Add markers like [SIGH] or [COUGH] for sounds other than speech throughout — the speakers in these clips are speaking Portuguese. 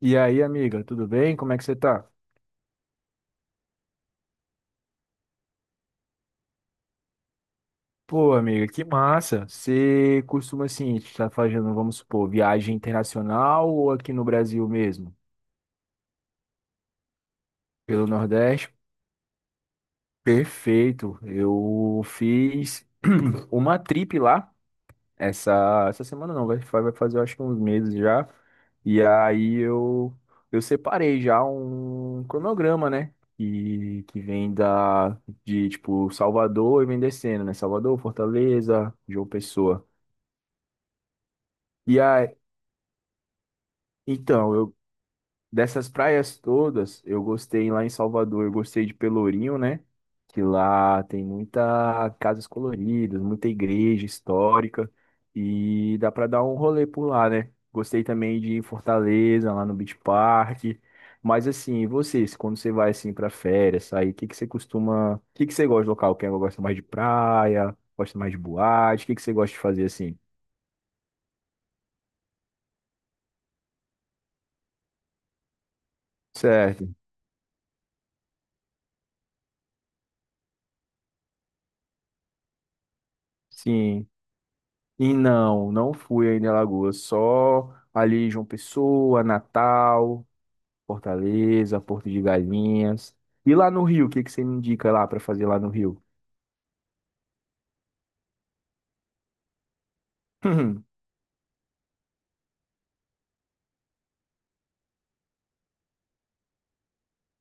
E aí, amiga, tudo bem? Como é que você tá? Pô, amiga, que massa. Você costuma, assim, estar fazendo, vamos supor, viagem internacional ou aqui no Brasil mesmo? Pelo Nordeste? Perfeito. Eu fiz [CLEARS THROAT] uma trip lá, essa semana não, vai fazer eu acho que uns meses já. E aí eu separei já um cronograma, né? E que vem de tipo, Salvador e vem descendo, né? Salvador, Fortaleza, João Pessoa. E aí, então, eu, dessas praias todas, eu gostei lá em Salvador, eu gostei de Pelourinho, né? Que lá tem muita casas coloridas, muita igreja histórica e dá pra dar um rolê por lá, né? Gostei também de ir em Fortaleza, lá no Beach Park. Mas assim, e vocês, quando você vai assim pra férias, sair, o que que você costuma, o que que você gosta de local? Quem gosta mais de praia, gosta mais de boate, o que que você gosta de fazer assim? Certo. Sim. E não fui ainda em Alagoas, só ali João Pessoa, Natal, Fortaleza, Porto de Galinhas. E lá no Rio, o que que você me indica lá para fazer lá no Rio? [LAUGHS]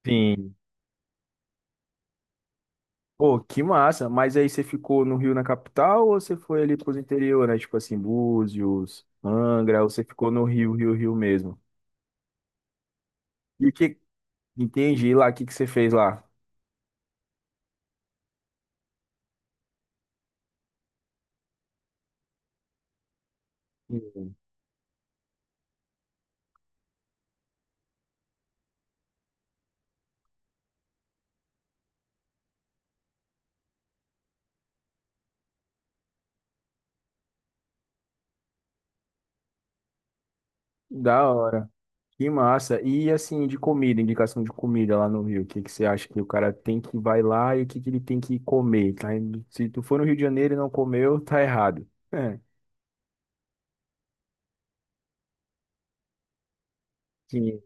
Sim. Pô, que massa. Mas aí você ficou no Rio na capital ou você foi ali pros interior, né? Tipo assim, Búzios, Angra, ou você ficou no Rio, Rio, Rio mesmo? E o que... Entendi. E lá, o que que você fez lá? Hum. Da hora. Que massa. E assim, de comida, indicação de comida lá no Rio, o que que você acha que o cara tem que vai lá e o que que ele tem que comer? Tá? Se tu for no Rio de Janeiro e não comeu, tá errado. É. Sim.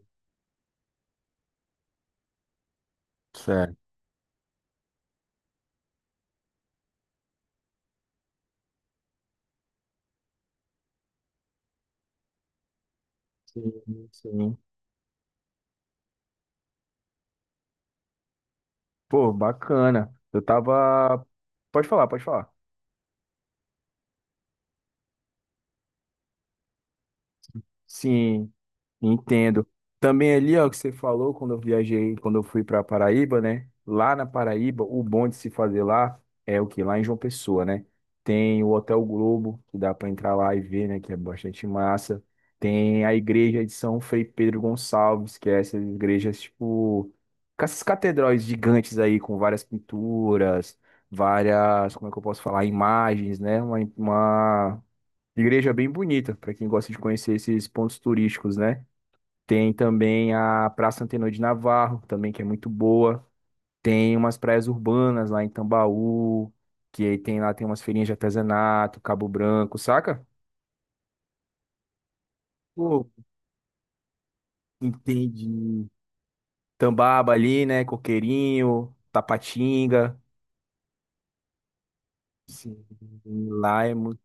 Certo. Sim, sim. Pô, bacana. Eu tava. Pode falar, pode falar. Sim. Entendo. Também ali, ó, que você falou quando eu viajei, quando eu fui para Paraíba, né? Lá na Paraíba, o bom de se fazer lá é o que Lá em João Pessoa, né? Tem o Hotel Globo, que dá para entrar lá e ver, né? Que é bastante massa. Tem a igreja de São Frei Pedro Gonçalves, que é essas igrejas, tipo, com essas catedrais gigantes aí, com várias pinturas, várias, como é que eu posso falar? Imagens, né? Uma igreja bem bonita, para quem gosta de conhecer esses pontos turísticos, né? Tem também a Praça Antenor de Navarro, também que é muito boa. Tem umas praias urbanas lá em Tambaú, que aí tem lá tem umas feirinhas de artesanato, Cabo Branco, saca? Pô, entendi. Tambaba ali, né? Coqueirinho, Tapatinga. Sim, lá é muito...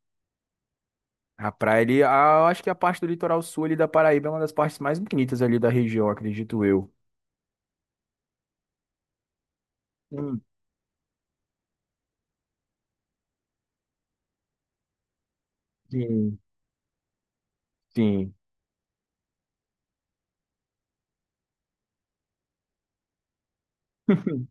A praia ali, ah, eu acho que a parte do litoral sul ali da Paraíba é uma das partes mais bonitas ali da região, acredito eu. Hum, Sim, sim. [LAUGHS]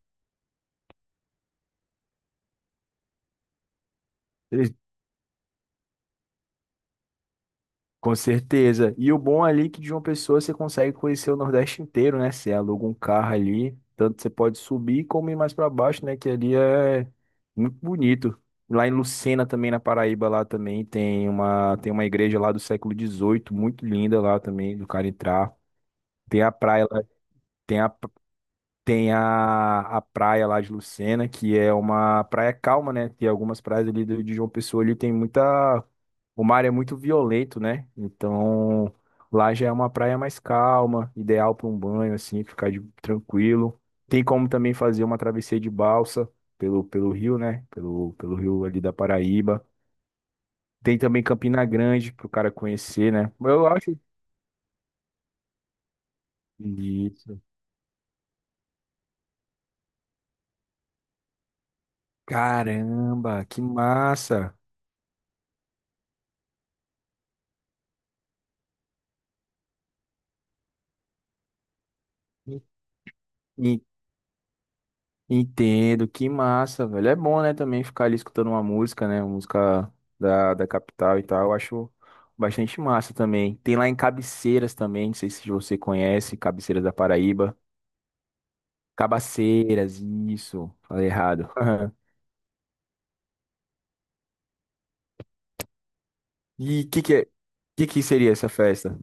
Com certeza. E o bom ali é que de uma pessoa você consegue conhecer o Nordeste inteiro, né? Você aluga um carro ali, tanto você pode subir como ir mais para baixo, né? Que ali é muito bonito. Lá em Lucena também, na Paraíba, lá também tem uma igreja lá do século XVIII, muito linda lá também, do cara entrar. Tem a praia lá, tem a tem a praia lá de Lucena, que é uma praia calma, né? Tem algumas praias ali de João Pessoa ali, tem muita. O mar é muito violento, né? Então lá já é uma praia mais calma, ideal para um banho, assim, tranquilo. Tem como também fazer uma travessia de balsa pelo rio, né? Pelo rio ali da Paraíba. Tem também Campina Grande para o cara conhecer, né? Eu acho. Isso. Caramba, que massa! Entendo, que massa, velho. É bom, né, também ficar ali escutando uma música, né, uma música da capital e tal. Eu acho bastante massa também. Tem lá em Cabeceiras também, não sei se você conhece, Cabeceiras da Paraíba. Cabaceiras, isso, falei errado. [LAUGHS] E que que, é- que seria essa festa?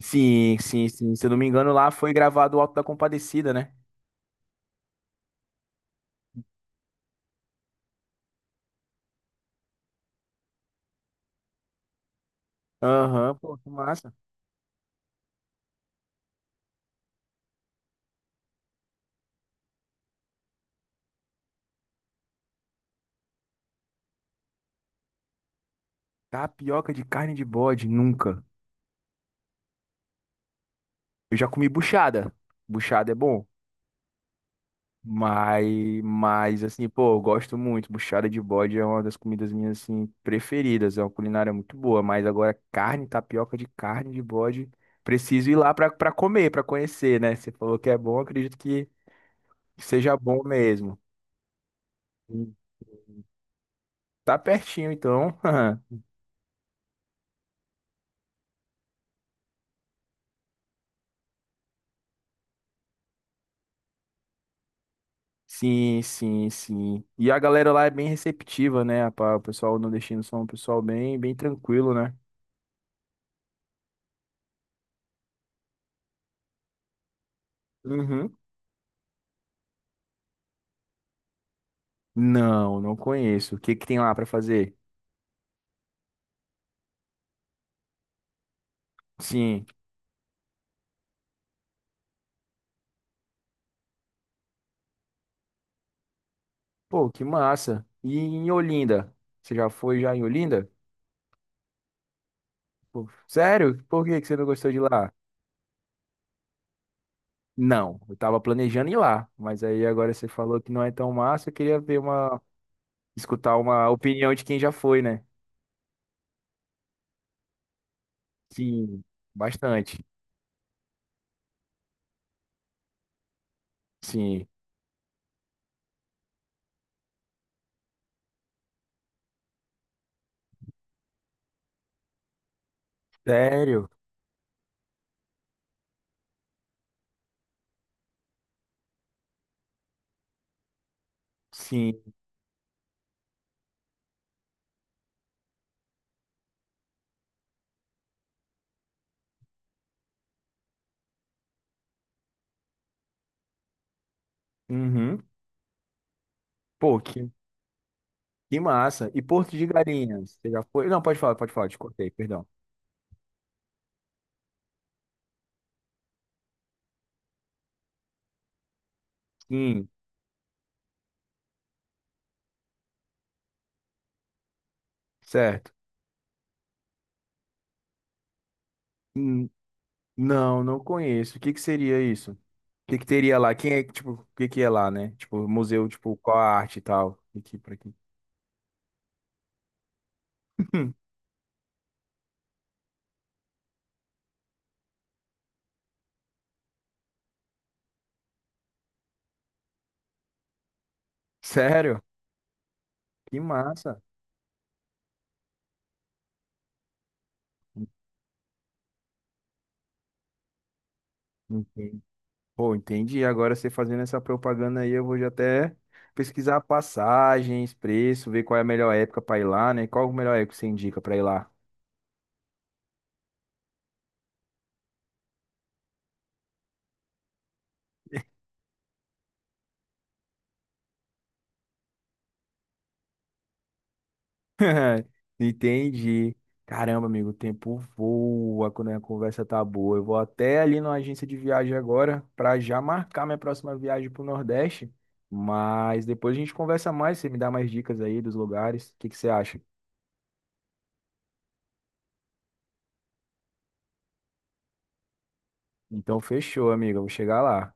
Sim, sim, sim. Se eu não me engano, lá foi gravado o Alto da Compadecida, né? Aham, pô, que massa. Tapioca de carne de bode, nunca. Eu já comi buchada. Buchada é bom. Mas, mas assim, pô, eu gosto muito. Buchada de bode é uma das comidas minhas assim preferidas. É uma culinária muito boa, mas agora carne, tapioca de carne de bode, preciso ir lá pra para comer, pra conhecer, né? Você falou que é bom, acredito que seja bom mesmo. Sim. Tá pertinho, então. [LAUGHS] Sim, sim, sim. E a galera lá é bem receptiva, né? O pessoal nordestino são um pessoal bem, bem tranquilo, né? Uhum. Não, não conheço. O que que tem lá pra fazer? Sim. Pô, que massa. E em Olinda? Você já foi já em Olinda? Pô, sério? Por que que você não gostou de lá? Não, eu tava planejando ir lá, mas aí agora você falou que não é tão massa, eu queria ver uma, escutar uma opinião de quem já foi, né? Sim, bastante. Sim. Sério? Sim. Uhum. Pô, que massa. E Porto de Galinhas, você já foi? Não, pode falar, te cortei, perdão. Sim, certo. Hum. Não, não conheço. O que que seria isso? O que que teria lá? Quem é, que, tipo, o que que é lá, né? Tipo, museu, tipo, qual a arte e tal? Aqui para aqui. [LAUGHS] Sério? Que massa. Entendi. Pô, entendi. Agora você fazendo essa propaganda aí, eu vou já até pesquisar passagens, preço, ver qual é a melhor época para ir lá, né? Qual a melhor época que você indica para ir lá? [LAUGHS] Entendi. Caramba, amigo, o tempo voa quando a conversa tá boa. Eu vou até ali na agência de viagem agora para já marcar minha próxima viagem pro Nordeste. Mas depois a gente conversa mais, você me dá mais dicas aí dos lugares. O que que você acha? Então fechou, amigo. Eu vou chegar lá.